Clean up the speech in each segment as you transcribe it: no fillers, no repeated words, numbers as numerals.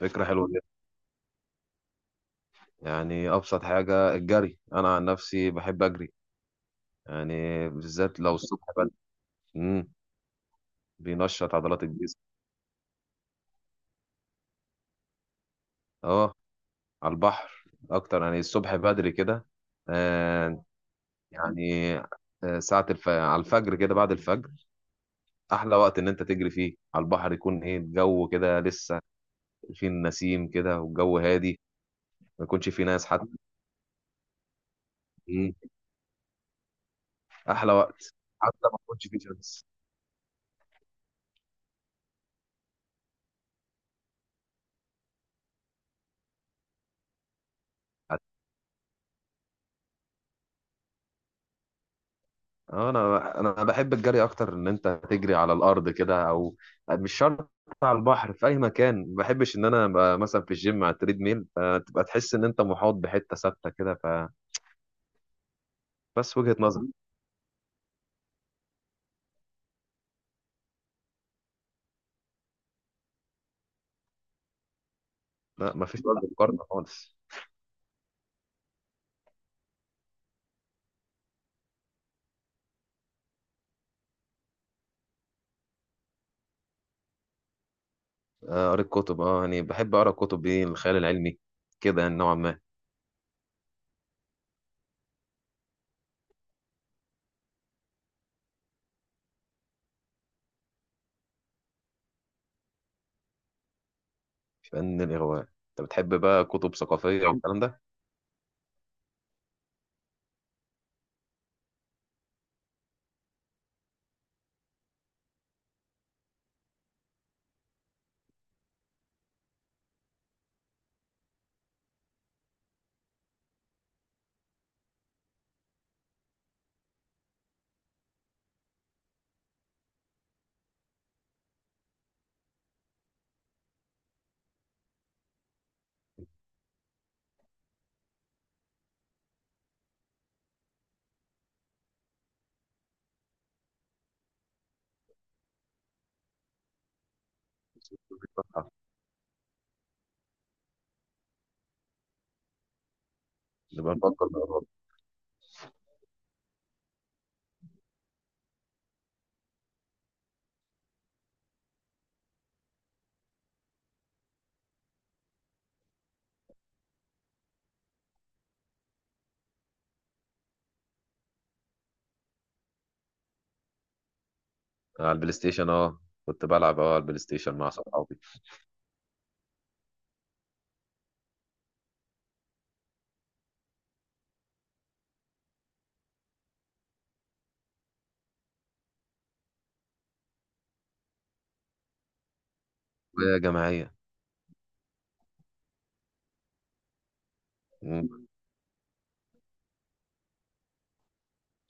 فكرة حلوة جدا. يعني أبسط حاجة الجري، أنا عن نفسي بحب أجري، يعني بالذات لو الصبح بدري. مم. بينشط عضلات الجسم. أه، على البحر أكتر، يعني الصبح بدري كده. آه. يعني على الفجر كده، بعد الفجر أحلى وقت إن أنت تجري فيه على البحر. يكون إيه الجو كده لسه فيه النسيم كده، والجو هادي، ما يكونش فيه ناس حتى. مم. أحلى وقت، حتى ما يكونش فيه شمس. اه، انا بحب الجري اكتر ان انت تجري على الارض كده او مش شرط على البحر، في اي مكان. ما بحبش ان انا ابقى مثلا في الجيم على التريد ميل، فتبقى تحس ان انت محاط بحته ثابته كده. فبس وجهه نظر. لا، ما فيش وجه مقارنه خالص. آه، قريت كتب، اه يعني بحب اقرا كتب ايه، الخيال العلمي كده، يعني نوعا ما. فن الاغواء، انت بتحب بقى كتب ثقافيه والكلام ده. نبقى نفكر مع بعض. على البلاي ستيشن، اه كنت بلعب اه على البلاي ستيشن مع صحابي. وجماعيه.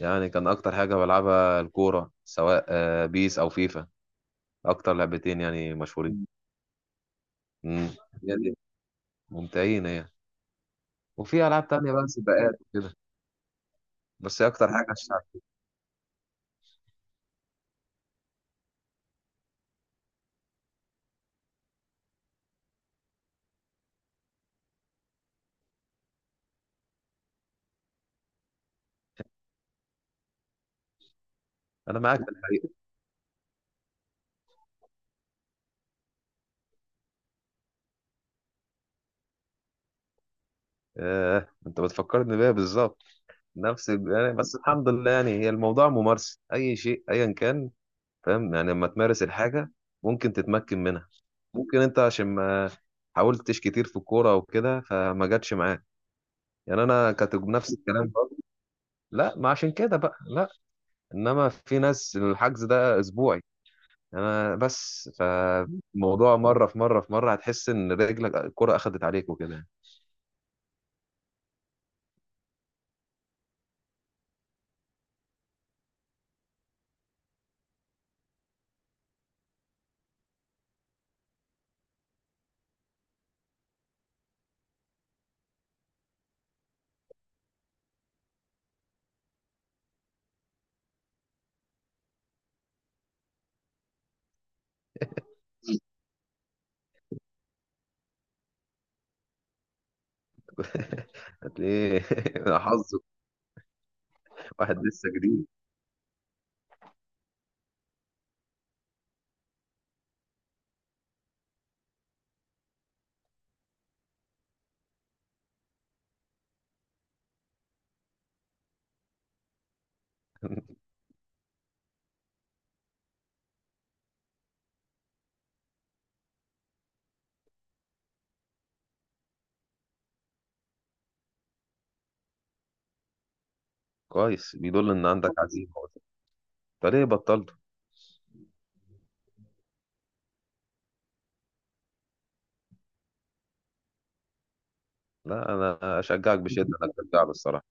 يعني كان اكتر حاجه بلعبها الكوره، سواء آه، بيس او فيفا، اكتر لعبتين يعني مشهورين. امم. هي دي. ممتعين هي. وفي العاب تانية بقى سباقات وكده، بس هي اكتر حاجه الشعب. انا معاك في الحقيقه. آه، انت بتفكرني بيها بالظبط، يعني بس الحمد لله. يعني هي الموضوع ممارسه اي شيء ايا كان. فاهم، يعني لما تمارس الحاجه ممكن تتمكن منها. ممكن انت عشان ما حاولتش كتير في الكوره وكده فما جاتش معاك. يعني انا كنت نفس الكلام برضه. لا، ما عشان كده بقى لا، انما في ناس الحجز ده اسبوعي. انا بس فموضوع مره في مره في مره هتحس ان رجلك الكره اخدت عليك وكده. هتلاقيه حظك، واحد لسه جديد. كويس، بيدل ان عندك عزيمه. طب ليه بطلت؟ لا انا اشجعك بشده انك ترجع له الصراحه.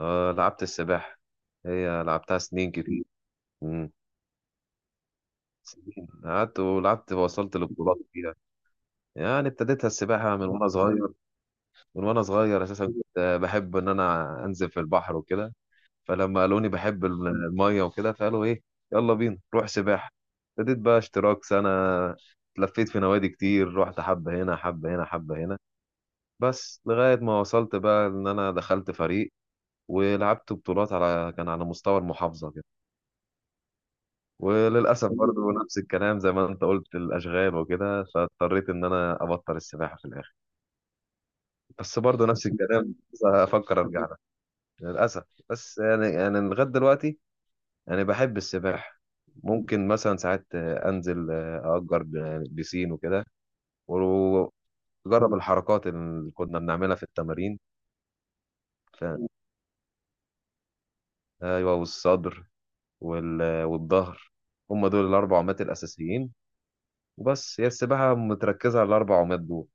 أه، لعبت السباحه، هي لعبتها سنين كتير. مم. سنين قعدت ولعبت ووصلت لبطولات فيها. يعني ابتديتها السباحه من وانا صغير، من وانا صغير. اساسا كنت بحب ان انا انزل في البحر وكده، فلما قالوني بحب الميه وكده فقالوا ايه يلا بينا روح سباحه. ابتديت بقى اشتراك سنه، لفيت في نوادي كتير، رحت حبه هنا حبه هنا حبه هنا، بس لغايه ما وصلت بقى ان انا دخلت فريق ولعبت بطولات على كان على مستوى المحافظه كده. وللاسف برضه نفس الكلام زي ما انت قلت، الاشغال وكده، فاضطريت ان انا ابطل السباحه في الاخر. بس برضه نفس الكلام، افكر ارجع. للأسف. بس يعني أنا لغاية دلوقتي أنا بحب السباحة. ممكن مثلا ساعات أنزل، يعني بيسين وكده، وأجرب الحركات اللي كنا بنعملها في التمارين. ف... أيوه، والصدر والظهر، هم دول الأربع عمات الأساسيين. وبس، هي السباحة متركزة على الأربع عمات دول.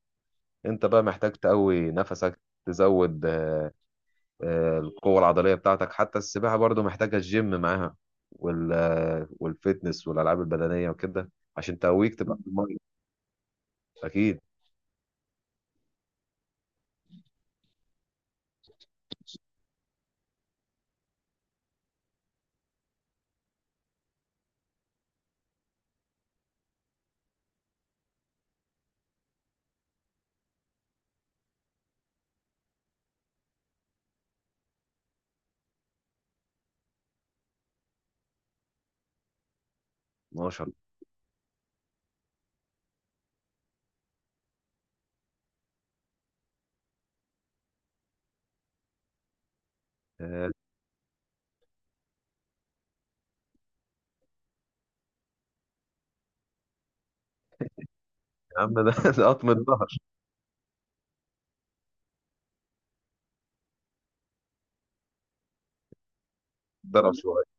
أنت بقى محتاج تقوي نفسك، تزود القوة العضلية بتاعتك. حتى السباحة برضو محتاجة الجيم معاها، والفيتنس والألعاب البدنية وكده، عشان تقويك تبقى في المية. أكيد. 12. آه، يا عم ده ده قطم الظهر. ضرب شوية.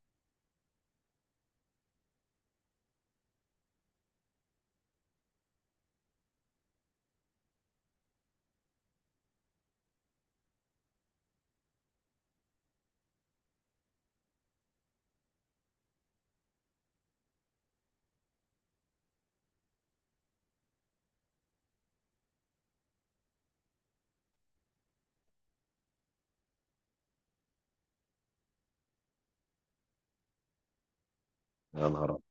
يا نهار أبيض.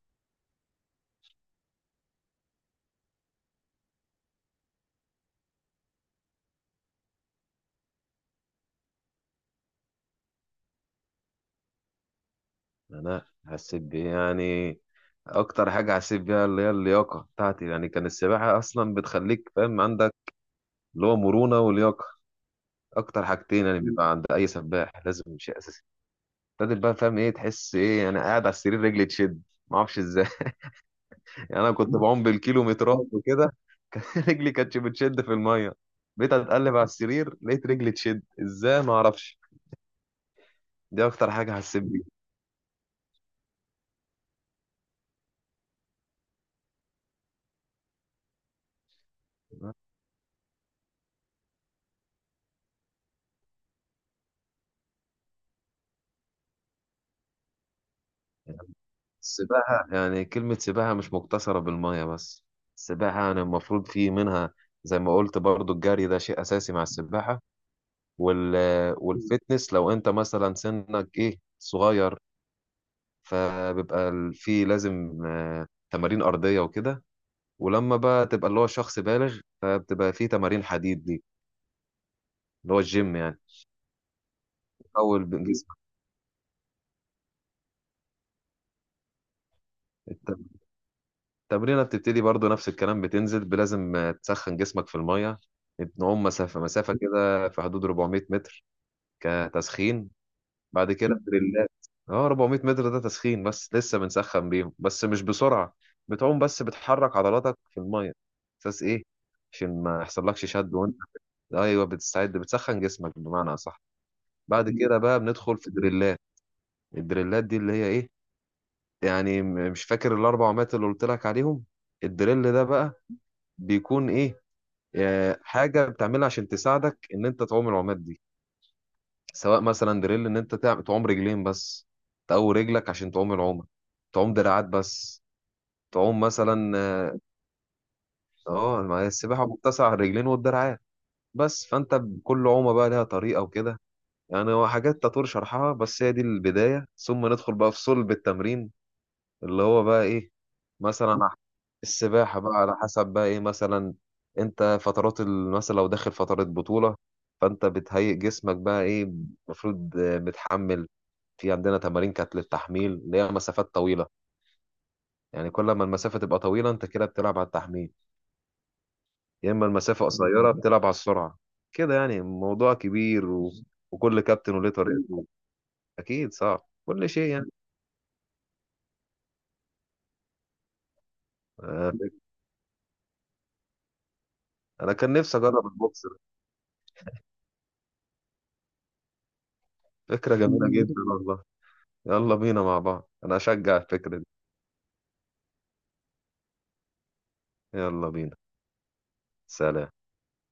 أنا حسيت بيه يعني. أكتر حاجة حسيت بيها اللي هي اللياقة بتاعتي. يعني كان السباحة أصلا بتخليك فاهم عندك اللي هو مرونة ولياقة، أكتر حاجتين يعني بيبقى عند أي سباح لازم شيء أساسي. ابتدت بقى فاهم إيه، تحس إيه أنا قاعد على السرير رجلي تشد، معرفش إزاي. يعني انا كنت بعوم بالكيلومترات وكده. رجلي كانتش بتشد في الميه، بقيت اتقلب على السرير لقيت رجلي تشد، ازاي ما اعرفش. دي اكتر حاجه حسيت بيها. السباحه، يعني كلمه سباحه مش مقتصره بالميه بس. السباحه يعني المفروض في منها، زي ما قلت برضو الجري ده شيء اساسي مع السباحه، وال والفتنس. لو انت مثلا سنك ايه صغير فبيبقى في لازم تمارين ارضيه وكده، ولما بقى تبقى اللي هو شخص بالغ فبتبقى في تمارين حديد دي، اللي هو الجيم يعني. اول جسمك. الت- التمرينه بتبتدي برضو نفس الكلام، لازم تسخن جسمك في الميه. بنعوم مسافه مسافه كده في حدود 400 متر كتسخين. بعد كده دريلات. اه، 400 متر ده تسخين بس، لسه بنسخن بيهم بس مش بسرعه، بتعوم بس بتحرك عضلاتك في الميه، اساس ايه عشان ما يحصلكش شد وانت. ايوه بتستعد، بتسخن جسمك بمعنى اصح. بعد كده بقى بندخل في دريلات. الدريلات دي اللي هي ايه، يعني مش فاكر الأربع عمات اللي قلت لك عليهم. الدريل ده بقى بيكون إيه، حاجة بتعملها عشان تساعدك إن أنت تعوم العمات دي. سواء مثلا دريل إن أنت تعوم رجلين بس، تقوي رجلك عشان تعوم العومة، تعوم دراعات بس، تعوم مثلا آه،. اه، ما هي السباحة متسعة على الرجلين والدراعات. بس فانت بكل عومة بقى لها طريقة وكده، يعني هو حاجات تطور شرحها. بس هي دي البداية، ثم ندخل بقى في صلب التمرين اللي هو بقى ايه. مثلا على، السباحة بقى على حسب بقى ايه مثلا. انت مثلا لو داخل فترة بطولة فانت بتهيئ جسمك بقى ايه المفروض، متحمل. في عندنا تمارين كانت للتحميل اللي هي مسافات طويلة، يعني كل ما المسافة تبقى طويلة انت كده بتلعب على التحميل، يا اما المسافة قصيرة بتلعب على السرعة. كده يعني موضوع كبير و... وكل كابتن وليه طريقته. اكيد صعب كل شيء يعني. آه، انا كان نفسي اجرب البوكس. فكرة جميلة جدا والله، يلا بينا مع بعض، انا اشجع الفكرة دي. يلا بينا. سلام.